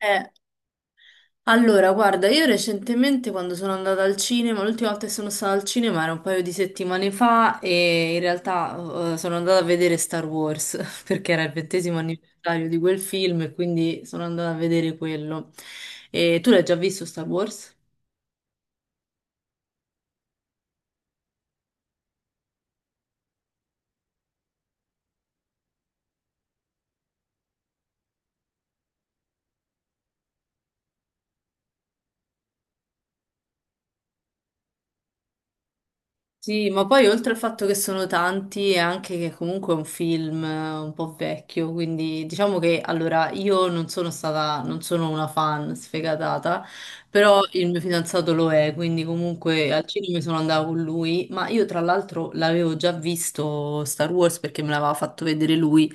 Eh, allora, guarda, io recentemente quando sono andata al cinema, l'ultima volta che sono stata al cinema era un paio di settimane fa e in realtà sono andata a vedere Star Wars perché era il ventesimo anniversario di quel film e quindi sono andata a vedere quello. E tu l'hai già visto Star Wars? Sì, ma poi oltre al fatto che sono tanti, è anche che comunque è un film un po' vecchio, quindi diciamo che allora io non sono una fan sfegatata, però il mio fidanzato lo è, quindi comunque al cinema sono andata con lui, ma io tra l'altro l'avevo già visto Star Wars perché me l'aveva fatto vedere lui,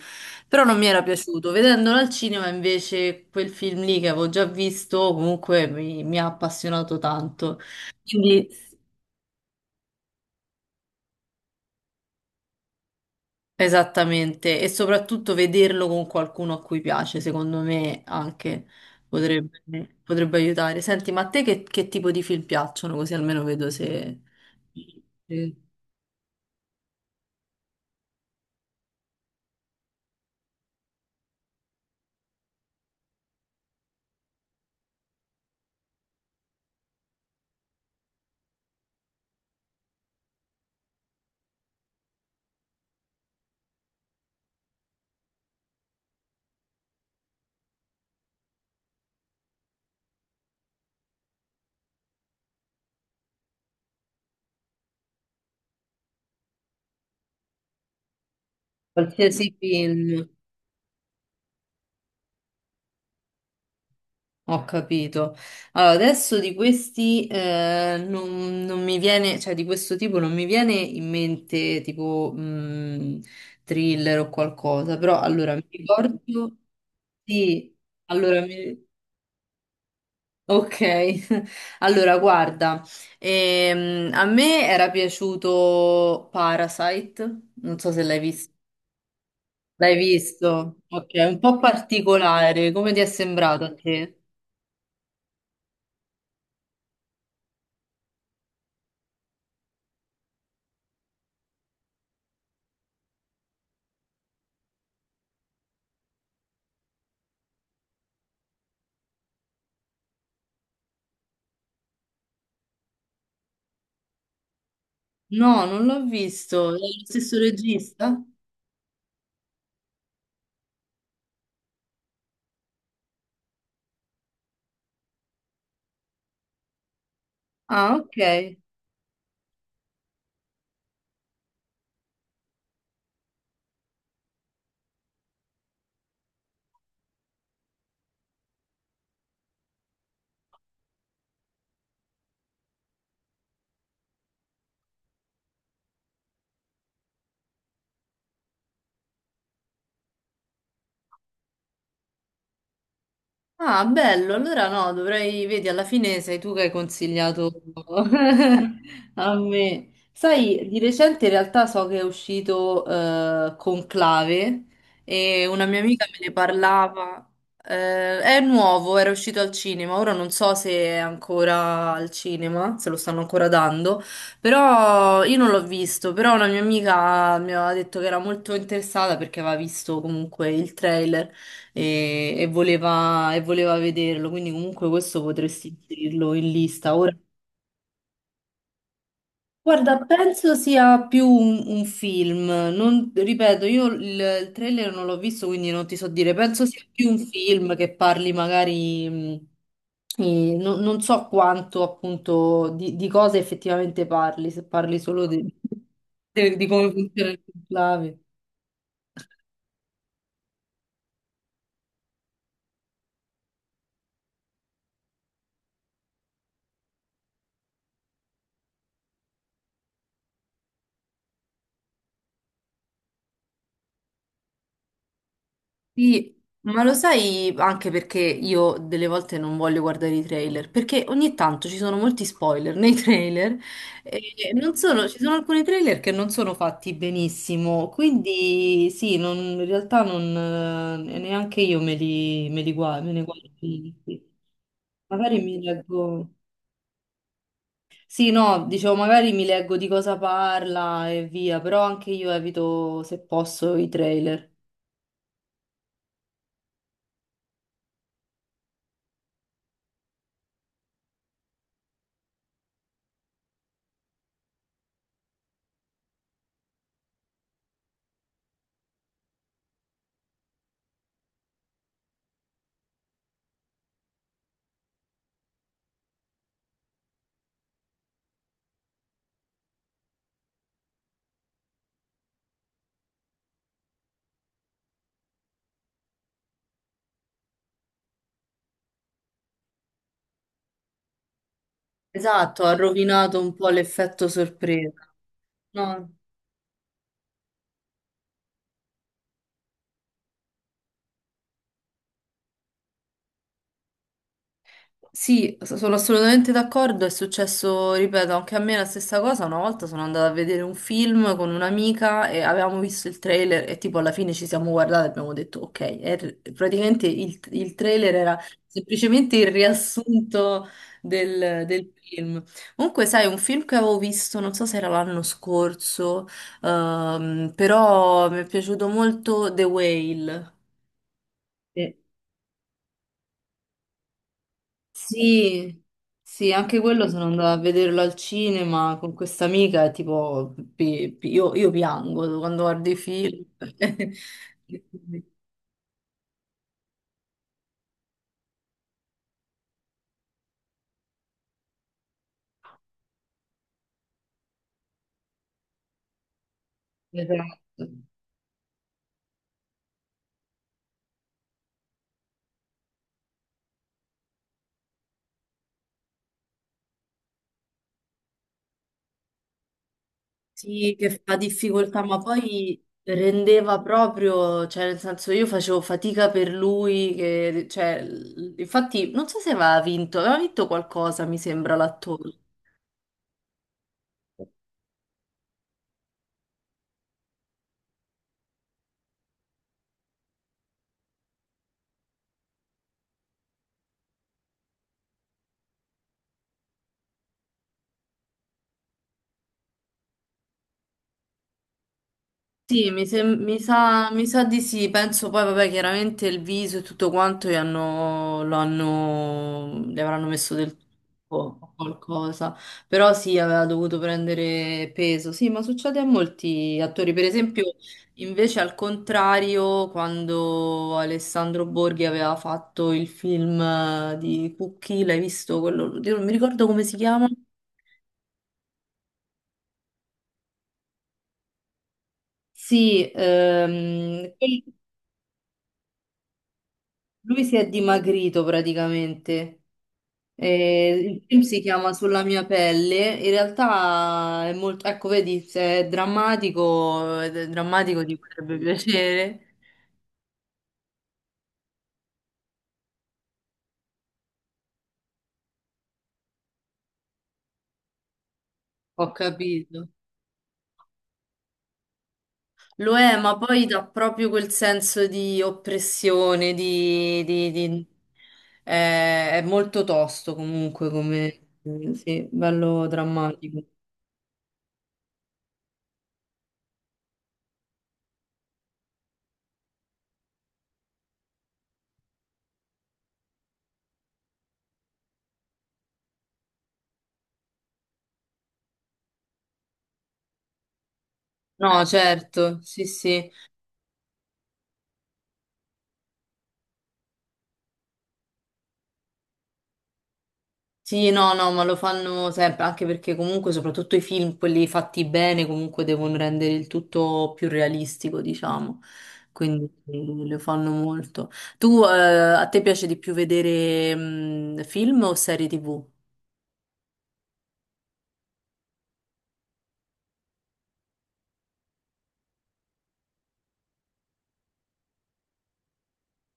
però non mi era piaciuto. Vedendolo al cinema invece quel film lì che avevo già visto comunque mi ha appassionato tanto. Quindi. Esattamente, e soprattutto vederlo con qualcuno a cui piace, secondo me anche potrebbe, potrebbe aiutare. Senti, ma a te che tipo di film piacciono? Così almeno vedo se- Qualsiasi film. Ho capito. Allora, adesso di questi non mi viene, cioè di questo tipo non mi viene in mente tipo thriller o qualcosa, però allora mi ricordo. Sì, allora mi, Ok, allora guarda, a me era piaciuto Parasite, non so se l'hai visto. L'hai visto? Ok, un po' particolare, come ti è sembrato a te? No, non l'ho visto, è lo stesso regista? Ah, ok. Ah, bello, allora no, dovrei, vedi, alla fine sei tu che hai consigliato a me. Sai, di recente in realtà so che è uscito Conclave e una mia amica me ne parlava. È nuovo, era uscito al cinema, ora non so se è ancora al cinema, se lo stanno ancora dando, però io non l'ho visto, però una mia amica mi aveva detto che era molto interessata perché aveva visto comunque il trailer e voleva vederlo, quindi comunque questo potresti inserirlo in lista. Ora, guarda, penso sia più un film, non, ripeto, io il trailer non l'ho visto, quindi non ti so dire, penso sia più un film che parli magari, e non, non so quanto appunto di cosa effettivamente parli, se parli solo di, di come funziona il conclave. Sì, ma lo sai anche perché io delle volte non voglio guardare i trailer, perché ogni tanto ci sono molti spoiler nei trailer e non sono, ci sono alcuni trailer che non sono fatti benissimo, quindi sì, in realtà non, neanche io me li guardo, me ne guardo. Magari mi leggo. Sì, no, dicevo, magari mi leggo di cosa parla e via, però anche io evito, se posso, i trailer. Esatto, ha rovinato un po' l'effetto sorpresa. No, sì, sono assolutamente d'accordo. È successo, ripeto, anche a me la stessa cosa. Una volta sono andata a vedere un film con un'amica e avevamo visto il trailer e tipo alla fine ci siamo guardate e abbiamo detto ok. E praticamente il trailer era semplicemente il riassunto del film. Comunque, sai, un film che avevo visto, non so se era l'anno scorso, però mi è piaciuto molto The Whale. Sì, sì, anche quello sono andata a vederlo al cinema con questa amica e tipo, io piango quando guardo i film. Esatto. Sì, che fa difficoltà, ma poi rendeva proprio, cioè nel senso io facevo fatica per lui, che, cioè, infatti non so se aveva vinto, aveva vinto qualcosa, mi sembra, l'attore. Sì, mi sa di sì, penso poi, vabbè, chiaramente il viso e tutto quanto gli hanno, lo hanno, gli avranno messo del tubo o qualcosa, però sì, aveva dovuto prendere peso, sì, ma succede a molti attori, per esempio, invece al contrario, quando Alessandro Borghi aveva fatto il film di Cucchi, l'hai visto quello, oddio, non mi ricordo come si chiama? Sì, lui si è dimagrito praticamente. Eh, il film si chiama Sulla mia pelle. In realtà è molto, ecco, vedi, se è drammatico, ed è drammatico ti potrebbe piacere. Ho capito. Lo è, ma poi dà proprio quel senso di oppressione, È molto tosto comunque come, sì, bello drammatico. No, certo, sì, sì. Sì, no, no, ma lo fanno sempre, anche perché comunque soprattutto i film, quelli fatti bene, comunque devono rendere il tutto più realistico, diciamo. Quindi lo fanno molto. Tu, a te piace di più vedere film o serie TV?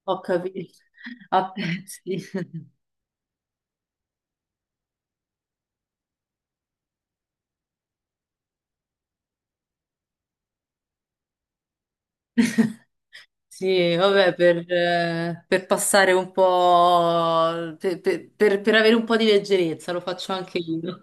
Ho capito. Ah, sì. Sì, vabbè, per passare un po', per avere un po' di leggerezza, lo faccio anche io.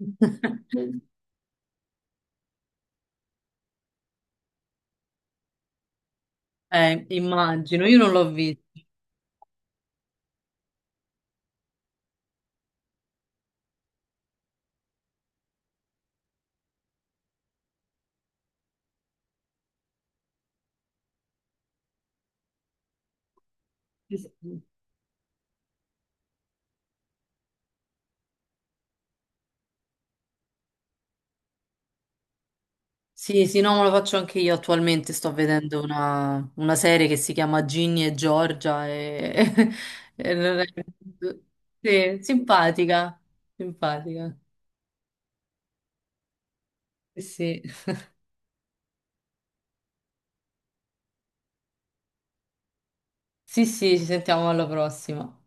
Immagino, io non l'ho visto. Sì, sì, sì, sì, no, ma lo faccio anche io attualmente. Sto vedendo una serie che si chiama Ginny e Giorgia. E non è- Sì, simpatica, simpatica. Sì, sì, sì, sì, ci sentiamo alla prossima.